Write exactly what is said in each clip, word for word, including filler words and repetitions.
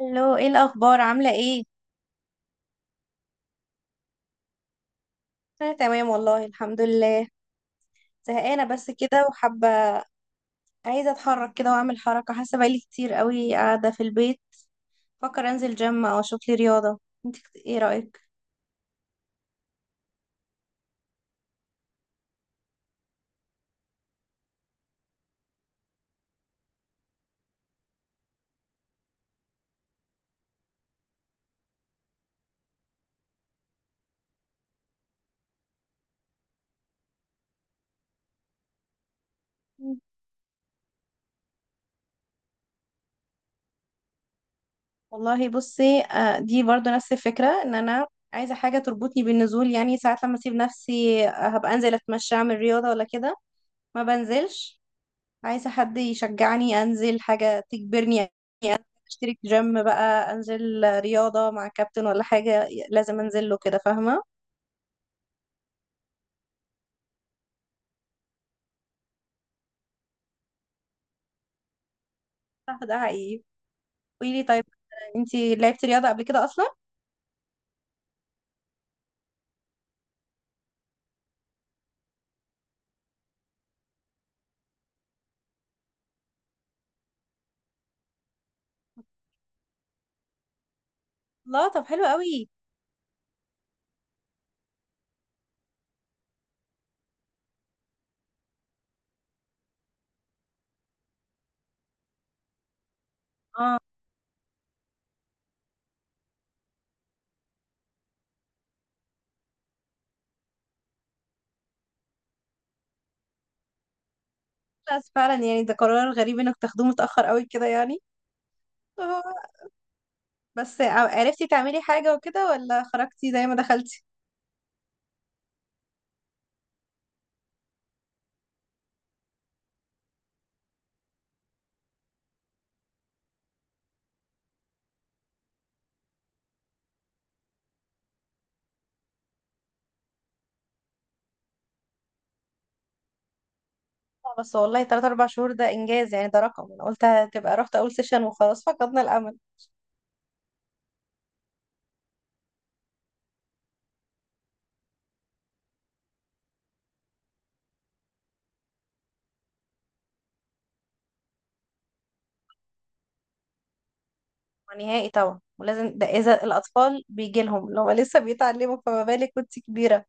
الو، ايه الاخبار؟ عامله ايه؟ انا تمام والله الحمد لله. زهقانه بس كده وحابه. عايزه اتحرك كده واعمل حركه، حاسه بقالي كتير قوي قاعده في البيت. فكر انزل جيم او اشوف لي رياضه. انت كت- ايه رايك؟ مم. والله بصي، آه، دي برضو نفس الفكره، ان انا عايزه حاجه تربطني بالنزول. يعني ساعات لما اسيب نفسي، آه، هبقى انزل اتمشى اعمل رياضه ولا كده ما بنزلش. عايزة حد يشجعني أنزل، حاجة تجبرني. يعني أشترك جيم بقى أنزل رياضة مع كابتن، ولا حاجة لازم أنزل له كده، فاهمة؟ صح ده حقيقي. قولي لي طيب، انتي لعبتي رياضة قبل كده أصلا؟ لا طب حلو قوي. اه بس فعلا يعني ده قرار غريب انك تاخدوه متأخر قوي كده يعني. آه، بس ع- عرفتي تعملي حاجة وكده ولا خرجتي زي ما دخلتي؟ آه، بس والله ثلاثة أربعة شهور ده إنجاز يعني. ده رقم، أنا قلت هتبقى رحت أول سيشن وخلاص فقدنا الأمل نهائي. طبعا ولازم ده اذا الاطفال بيجي لهم لو لسه بيتعلموا، فما بالك وانت كبيره.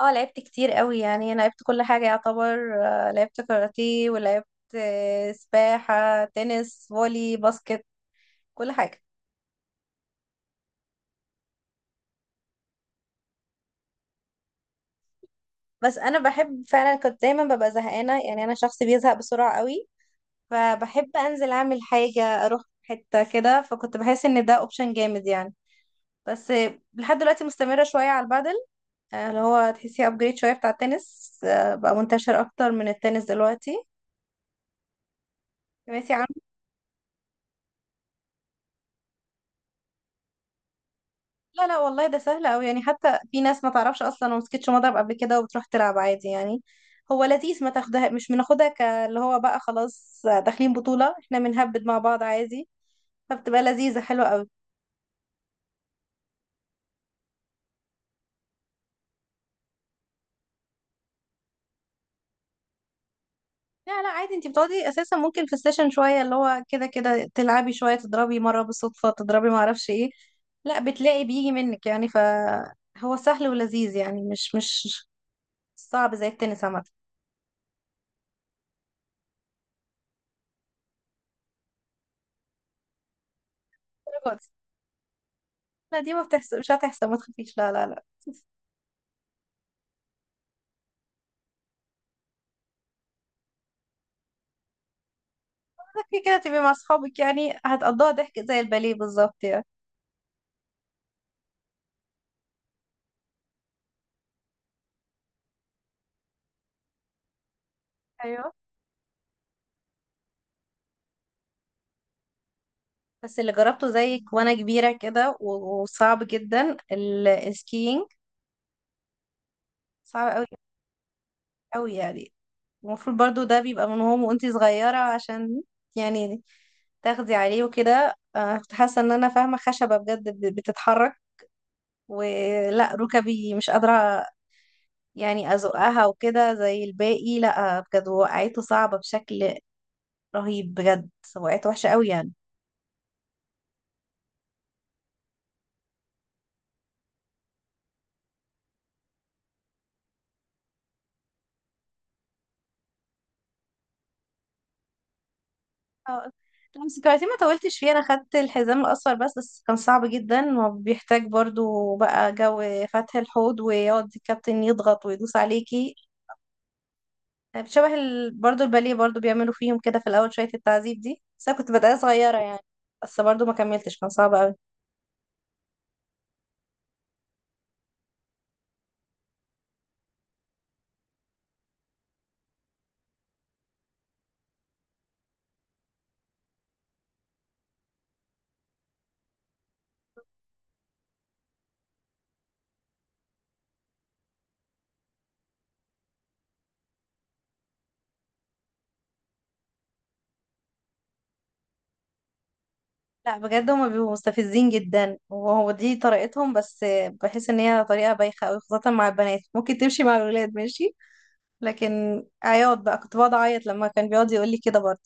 اه، لعبت كتير قوي يعني، انا لعبت كل حاجه يعتبر. آه، لعبت كاراتيه، ولعبت آه، سباحه، تنس، فولي، باسكت. كل حاجه. بس انا بحب فعلا، كنت دايما ببقى زهقانه يعني. انا شخص بيزهق بسرعه قوي، فبحب انزل اعمل حاجه اروح حته كده. فكنت بحس ان ده اوبشن جامد يعني. بس آه، لحد دلوقتي مستمره شويه على البادل، آه، اللي هو تحسيه ابجريد شويه بتاع التنس. آه، بقى منتشر اكتر من التنس دلوقتي. سمعتي عنه؟ لا لا والله ده سهل قوي يعني. حتى في ناس ما تعرفش اصلا ومسكتش مضرب قبل كده، وبتروح تلعب عادي يعني. هو لذيذ، ما تاخدها، مش بناخدها، ك- اللي هو بقى خلاص آه، داخلين بطوله احنا، بنهبد مع بعض عادي. فبتبقى لذيذه حلوه قوي. لا لا، عادي، انتي بتقعدي اساسا ممكن في السيشن شويه، اللي هو كده كده تلعبي شويه، تضربي مره بالصدفه، تضربي ما اعرفش ايه. لا بتلاقي بيجي منك يعني، ف... هو سهل ولذيذ يعني، مش مش صعب زي التنس عامة. الدرجة دي؟ لا دي ما بتحسب، مش هتحسب، ما تخافيش، لا لا لا. كده كده تبقي مع اصحابك يعني، هتقضوها ضحك زي الباليه بالظبط يعني. ايوه، بس اللي جربته زيك وانا كبيرة كده و- وصعب جدا ال- السكينج. صعب قوي، قوي يعني. المفروض برضو ده بيبقى من هو وانتي صغيرة عشان يعني تاخدي عليه وكده. آه، كنت حاسة ان انا فاهمة خشبة بجد ب- بتتحرك، ولا ركبي مش قادرة يعني أزقها وكده زي الباقي. لأ بجد، وقعته صعبة بشكل رهيب بجد. وقعت وحشة قوي يعني. اه، لمس الكاراتيه ما طولتش فيه. أنا خدت الحزام الأصفر بس بس كان صعب جدا، وبيحتاج برضو بقى جو فتح الحوض، ويقعد الكابتن يضغط ويدوس عليكي. طيب شبه ال... برضو الباليه. برضو بيعملوا فيهم كده في الأول شوية التعذيب دي، بس أنا كنت بداية صغيرة يعني. بس برضو ما كملتش، كان صعب قوي. لا بجد، هما بيبقوا مستفزين جدا، وهو دي طريقتهم بس. بحس ان هي طريقة بايخة قوي، خاصة مع البنات. ممكن تمشي مع الولاد ماشي، لكن عياط بقى، كنت بقعد اعيط لما كان بيقعد يقول لي كده برضه.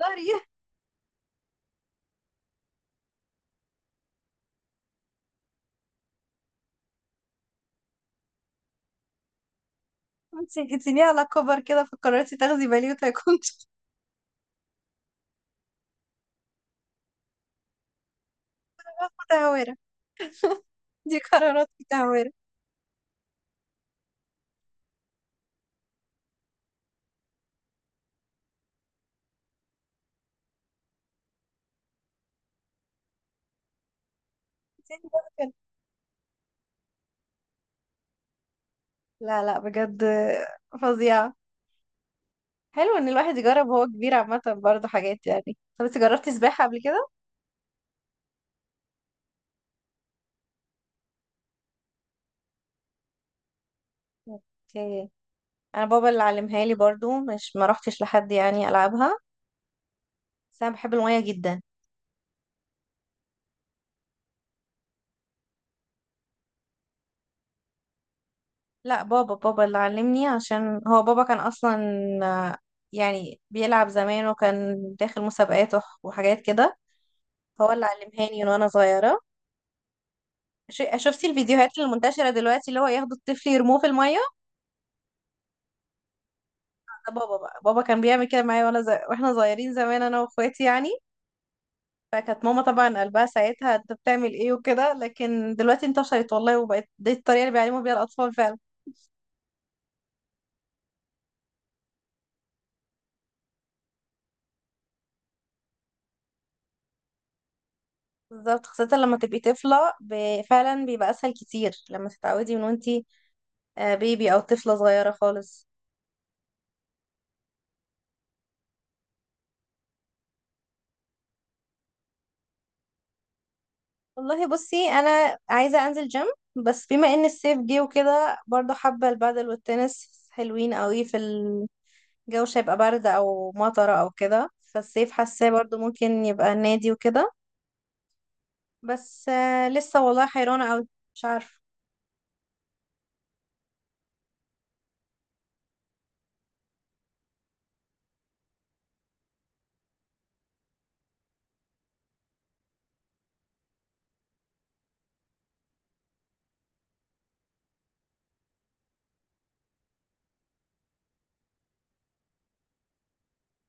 سوري. انت جيتيني على كبر كده، فقررتي تاخدي باليوتا كنت متهورة. دي قرارات متهورة. لا لا بجد، فظيعة. حلو ان الواحد يجرب وهو كبير عامة برضه حاجات يعني. طب انت جربتي سباحة قبل كده؟ اوكي. انا بابا اللي علمها لي برضو، مش ما روحتش لحد يعني العبها. بس انا بحب المية جدا. لا، بابا بابا اللي علمني، عشان هو بابا كان اصلا آه، يعني بيلعب زمان، وكان داخل مسابقات وح- وحاجات كده. هو اللي علمهاني من وانا صغيرة. ش- شفتي الفيديوهات المنتشرة دلوقتي اللي هو ياخدوا الطفل يرموه في المية؟ ده بابا بقى. بابا كان بيعمل كده معايا وانا زي... واحنا صغيرين زمان انا واخواتي يعني. فكانت ماما طبعا قلبها ساعتها، انت بتعمل ايه وكده. لكن دلوقتي انتشرت والله، وبقت دي الطريقة اللي بيعلموا بيها الاطفال فعلا. بالظبط، خاصة لما تبقي طفلة ب- فعلا بيبقى أسهل كتير لما تتعودي من وانتي آه، بيبي أو طفلة صغيرة خالص. والله بصي، أنا عايزة أنزل جيم، بس بما إن الصيف جه وكده برضه حابة البادل والتنس، حلوين قوي في ال- الجو. مش هيبقى برد أو مطرة أو كده، فالصيف حاساه برضه ممكن يبقى نادي وكده. بس آه، لسه والله حيرانة أوي، مش عارفة.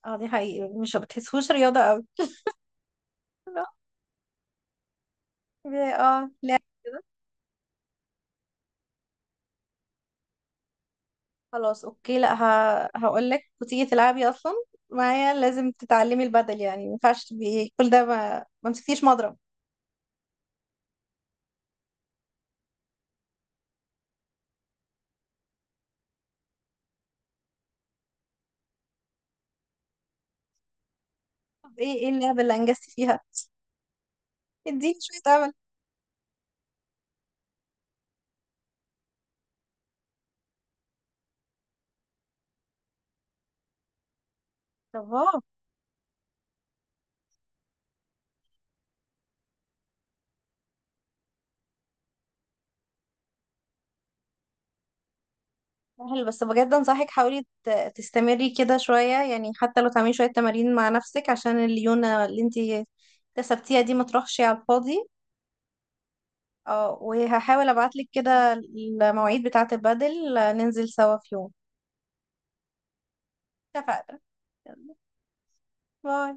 اه دي حقيقي، مش بتحسوش رياضة أوي. لا اه لا. خلاص اوكي، لا، ه... هقول لك وتيجي تلعبي اصلا معايا. لازم تتعلمي البدل يعني، ما ينفعش تبقي كل ده ما ما مسكتيش مضرب. طب ايه ايه اللعبه اللي انجزتي فيها؟ اديني شويه امل. طب اه، سهل بس بجد انصحك حاولي ت... تستمري كده شويه يعني، حتى لو تعملي شويه تمارين مع نفسك عشان الليونه اللي انت كسبتيها دي ما تروحش على الفاضي. اه، وهحاول ابعتلك كده المواعيد بتاعه البدل، ننزل سوا في يوم. اتفقنا. يلا، باي.